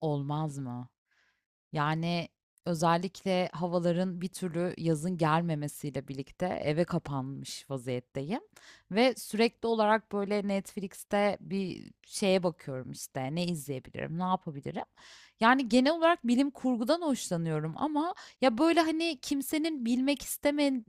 Olmaz mı? Yani, özellikle havaların bir türlü yazın gelmemesiyle birlikte eve kapanmış vaziyetteyim ve sürekli olarak, böyle, Netflix'te bir şeye bakıyorum, işte, ne izleyebilirim, ne yapabilirim? Yani, genel olarak bilim kurgudan hoşlanıyorum ama ya, böyle, hani, kimsenin bilmek istememesini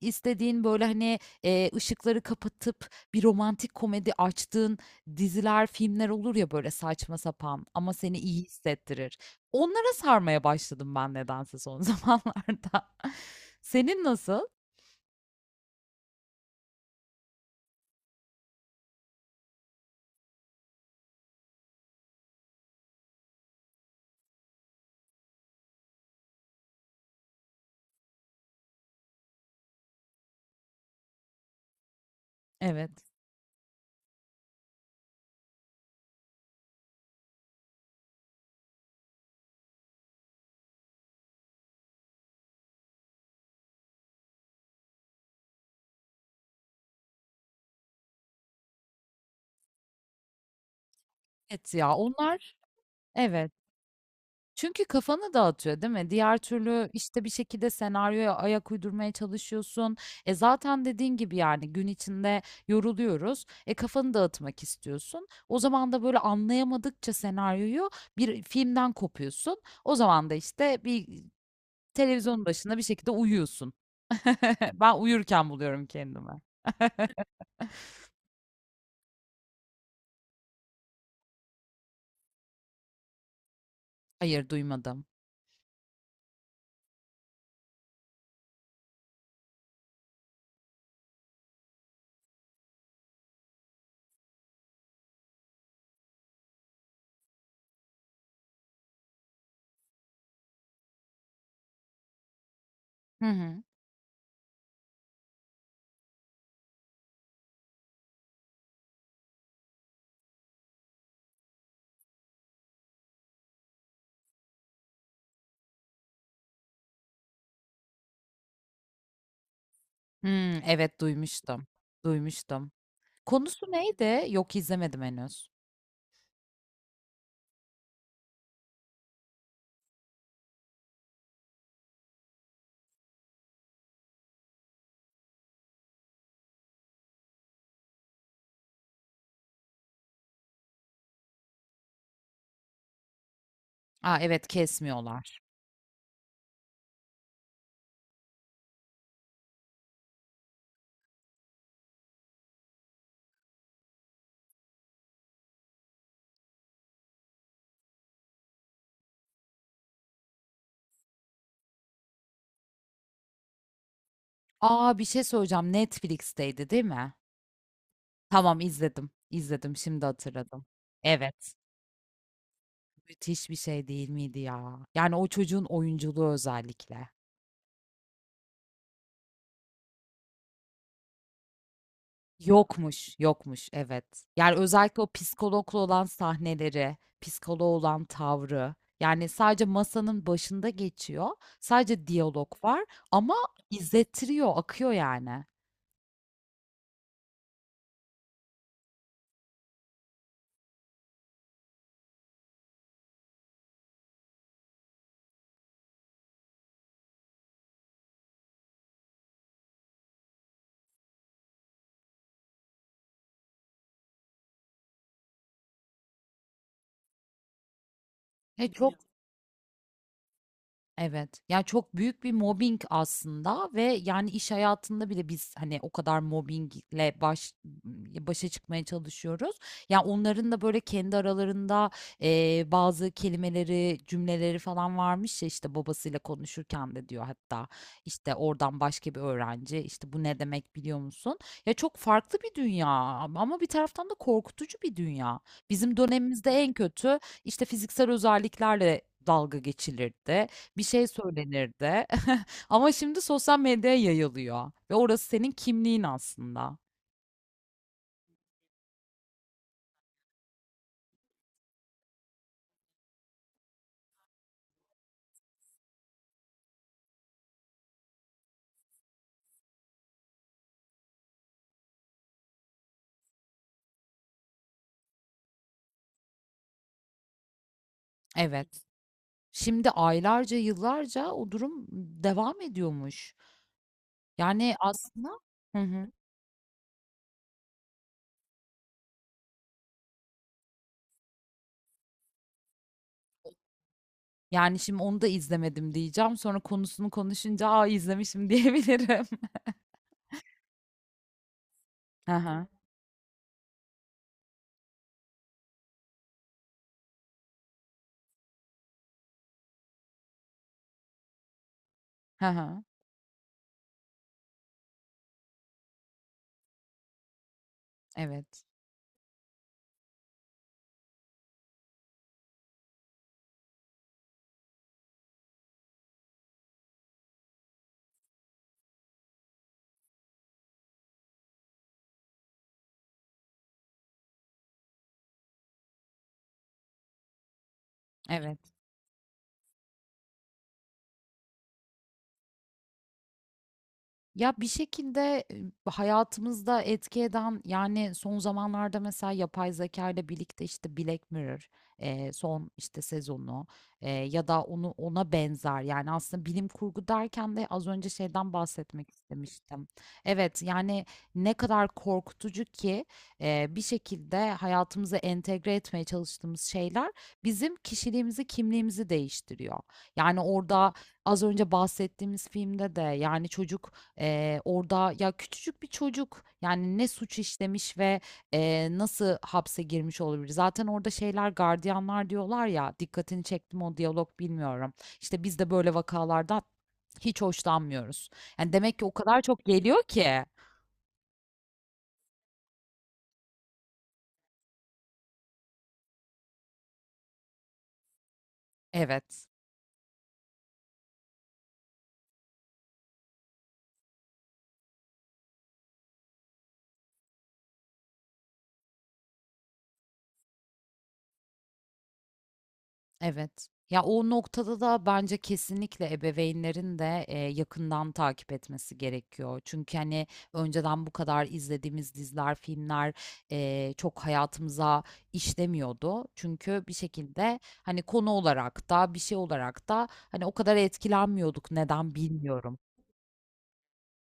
istediğin, böyle, hani, ışıkları kapatıp bir romantik komedi açtığın diziler, filmler olur ya, böyle, saçma sapan ama seni iyi hissettirir. Onlara sarmaya başladım ben nedense son zamanlarda. Senin nasıl? Evet. Evet ya onlar evet. Çünkü kafanı dağıtıyor değil mi? Diğer türlü işte bir şekilde senaryoya ayak uydurmaya çalışıyorsun. E zaten dediğin gibi yani gün içinde yoruluyoruz. E kafanı dağıtmak istiyorsun. O zaman da böyle anlayamadıkça senaryoyu bir filmden kopuyorsun. O zaman da işte bir televizyon başında bir şekilde uyuyorsun. Ben uyurken buluyorum kendimi. Hayır, duymadım. Hı hı. Hımm, evet duymuştum, duymuştum. Konusu neydi? Yok, izlemedim henüz. A, evet, kesmiyorlar. A, bir şey söyleyeceğim, Netflix'teydi değil mi? Tamam, izledim, izledim, şimdi hatırladım. Evet, müthiş bir şey değil miydi ya? Yani o çocuğun oyunculuğu özellikle. Yokmuş, yokmuş evet. Yani özellikle o psikologla olan sahneleri, psikoloğa olan tavrı. Yani sadece masanın başında geçiyor. Sadece diyalog var ama izlettiriyor, akıyor yani. E, çok evet. Ya çok büyük bir mobbing aslında ve yani iş hayatında bile biz hani o kadar mobbingle baş başa çıkmaya çalışıyoruz. Ya onların da böyle kendi aralarında bazı kelimeleri, cümleleri falan varmış ya işte babasıyla konuşurken de diyor hatta işte oradan başka bir öğrenci işte bu ne demek biliyor musun? Ya çok farklı bir dünya ama bir taraftan da korkutucu bir dünya. Bizim dönemimizde en kötü işte fiziksel özelliklerle dalga geçilirdi bir şey söylenirdi. Ama şimdi sosyal medyaya yayılıyor ve orası senin kimliğin aslında. Evet. Şimdi aylarca, yıllarca o durum devam ediyormuş. Yani aslında hı hı. Yani şimdi onu da izlemedim diyeceğim. Sonra konusunu konuşunca aa izlemişim diyebilirim. Hı hı. Hı hı. Evet. Evet. Ya bir şekilde e, hayatımızda etki eden yani son zamanlarda mesela yapay zeka ile birlikte işte Black Mirror e, son işte sezonu e, ya da onu ona benzer yani aslında bilim kurgu derken de az önce şeyden bahsetmek istemiştim. Evet yani ne kadar korkutucu ki bir şekilde hayatımıza entegre etmeye çalıştığımız şeyler bizim kişiliğimizi, kimliğimizi değiştiriyor. Yani orada az önce bahsettiğimiz filmde de yani çocuk orada ya küçücük bir çocuk, yani, ne suç işlemiş ve, nasıl hapse girmiş olabilir? Zaten orada şeyler, gardiyanlar diyorlar ya, dikkatini çekti mi o diyalog bilmiyorum. İşte, "Biz de böyle vakalardan hiç hoşlanmıyoruz." Yani, demek ki o kadar çok geliyor ki. Evet. Evet. Ya o noktada da bence kesinlikle ebeveynlerin de yakından takip etmesi gerekiyor. Çünkü hani önceden bu kadar izlediğimiz diziler, filmler çok hayatımıza işlemiyordu. Çünkü bir şekilde hani konu olarak da bir şey olarak da hani o kadar etkilenmiyorduk neden bilmiyorum.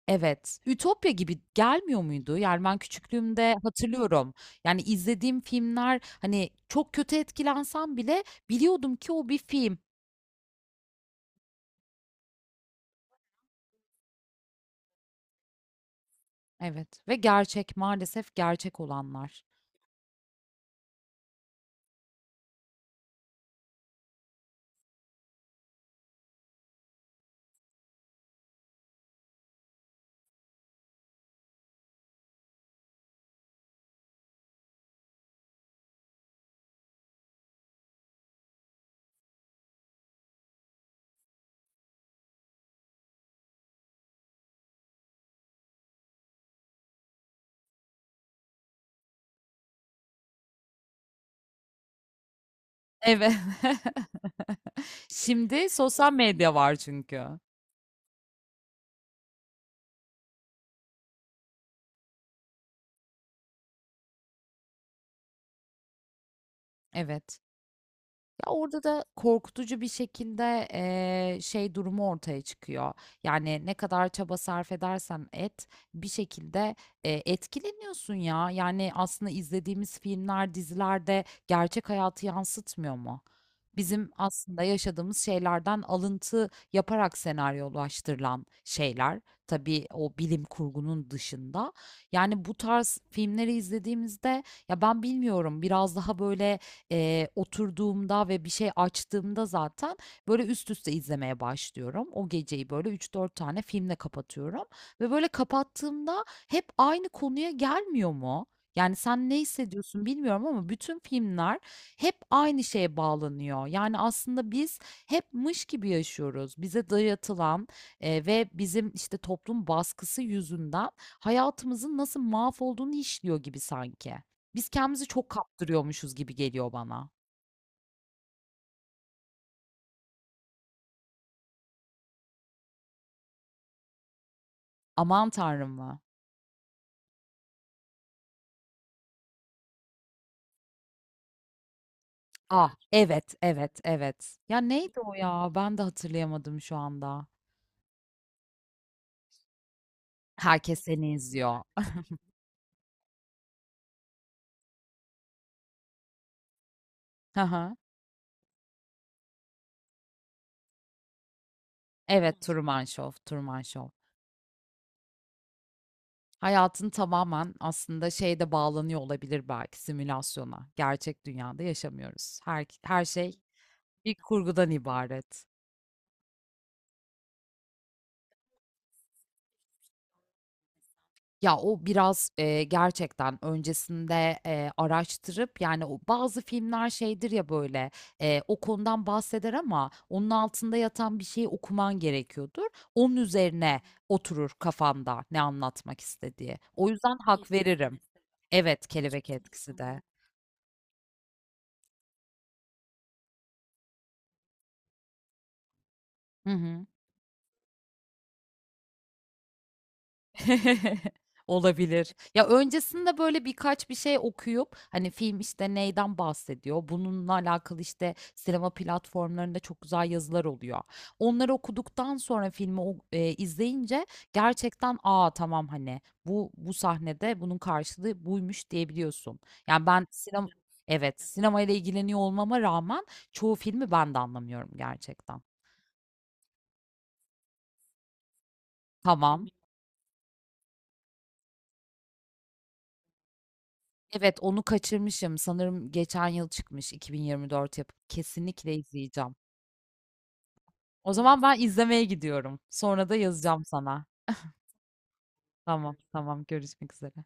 Evet. Ütopya gibi gelmiyor muydu? Yani ben küçüklüğümde hatırlıyorum. Yani izlediğim filmler hani çok kötü etkilensem bile biliyordum ki o bir film. Evet ve gerçek, maalesef gerçek olanlar. Evet. Şimdi sosyal medya var çünkü. Evet. Ya orada da korkutucu bir şekilde şey durumu ortaya çıkıyor. Yani ne kadar çaba sarf edersen et bir şekilde etkileniyorsun ya. Yani aslında izlediğimiz filmler, dizilerde gerçek hayatı yansıtmıyor mu? Bizim aslında yaşadığımız şeylerden alıntı yaparak senaryolaştırılan şeyler. Tabii o bilim kurgunun dışında. Yani bu tarz filmleri izlediğimizde ya ben bilmiyorum biraz daha böyle oturduğumda ve bir şey açtığımda zaten böyle üst üste izlemeye başlıyorum. O geceyi böyle üç dört tane filmle kapatıyorum ve böyle kapattığımda hep aynı konuya gelmiyor mu? Yani sen ne hissediyorsun bilmiyorum ama bütün filmler hep aynı şeye bağlanıyor. Yani aslında biz hep mış gibi yaşıyoruz. Bize dayatılan ve bizim işte toplum baskısı yüzünden hayatımızın nasıl mahvolduğunu işliyor gibi sanki. Biz kendimizi çok kaptırıyormuşuz gibi geliyor bana. Aman Tanrım mı? Ah, evet, evet, evet. Ya neydi o ya? Ben de hatırlayamadım şu anda. Herkes seni izliyor. Hı hı. Evet, Truman Show, Truman Show. Hayatın tamamen aslında şeyde bağlanıyor olabilir belki simülasyona. Gerçek dünyada yaşamıyoruz. Her, her şey bir kurgudan ibaret. Ya, o biraz, gerçekten öncesinde, araştırıp, yani, o bazı filmler şeydir ya, böyle, o konudan bahseder ama onun altında yatan bir şeyi okuman gerekiyordur. Onun üzerine oturur kafanda ne anlatmak istediği. O yüzden hak veririm. Evet, Kelebek Etkisi de. Hı hı. Olabilir. Ya, öncesinde, böyle, birkaç bir şey okuyup, hani, film, işte, neyden bahsediyor, bununla alakalı, işte, sinema platformlarında çok güzel yazılar oluyor. Onları okuduktan sonra filmi o izleyince gerçekten, "A, tamam, hani, bu sahnede bunun karşılığı buymuş." diyebiliyorsun. Yani, ben sinem evet, sinemayla ilgileniyor olmama rağmen çoğu filmi ben de anlamıyorum gerçekten. Tamam. Evet, onu kaçırmışım. Sanırım geçen yıl çıkmış 2024 yapımı. Kesinlikle izleyeceğim. O zaman ben izlemeye gidiyorum. Sonra da yazacağım sana. Tamam, tamam. Görüşmek üzere.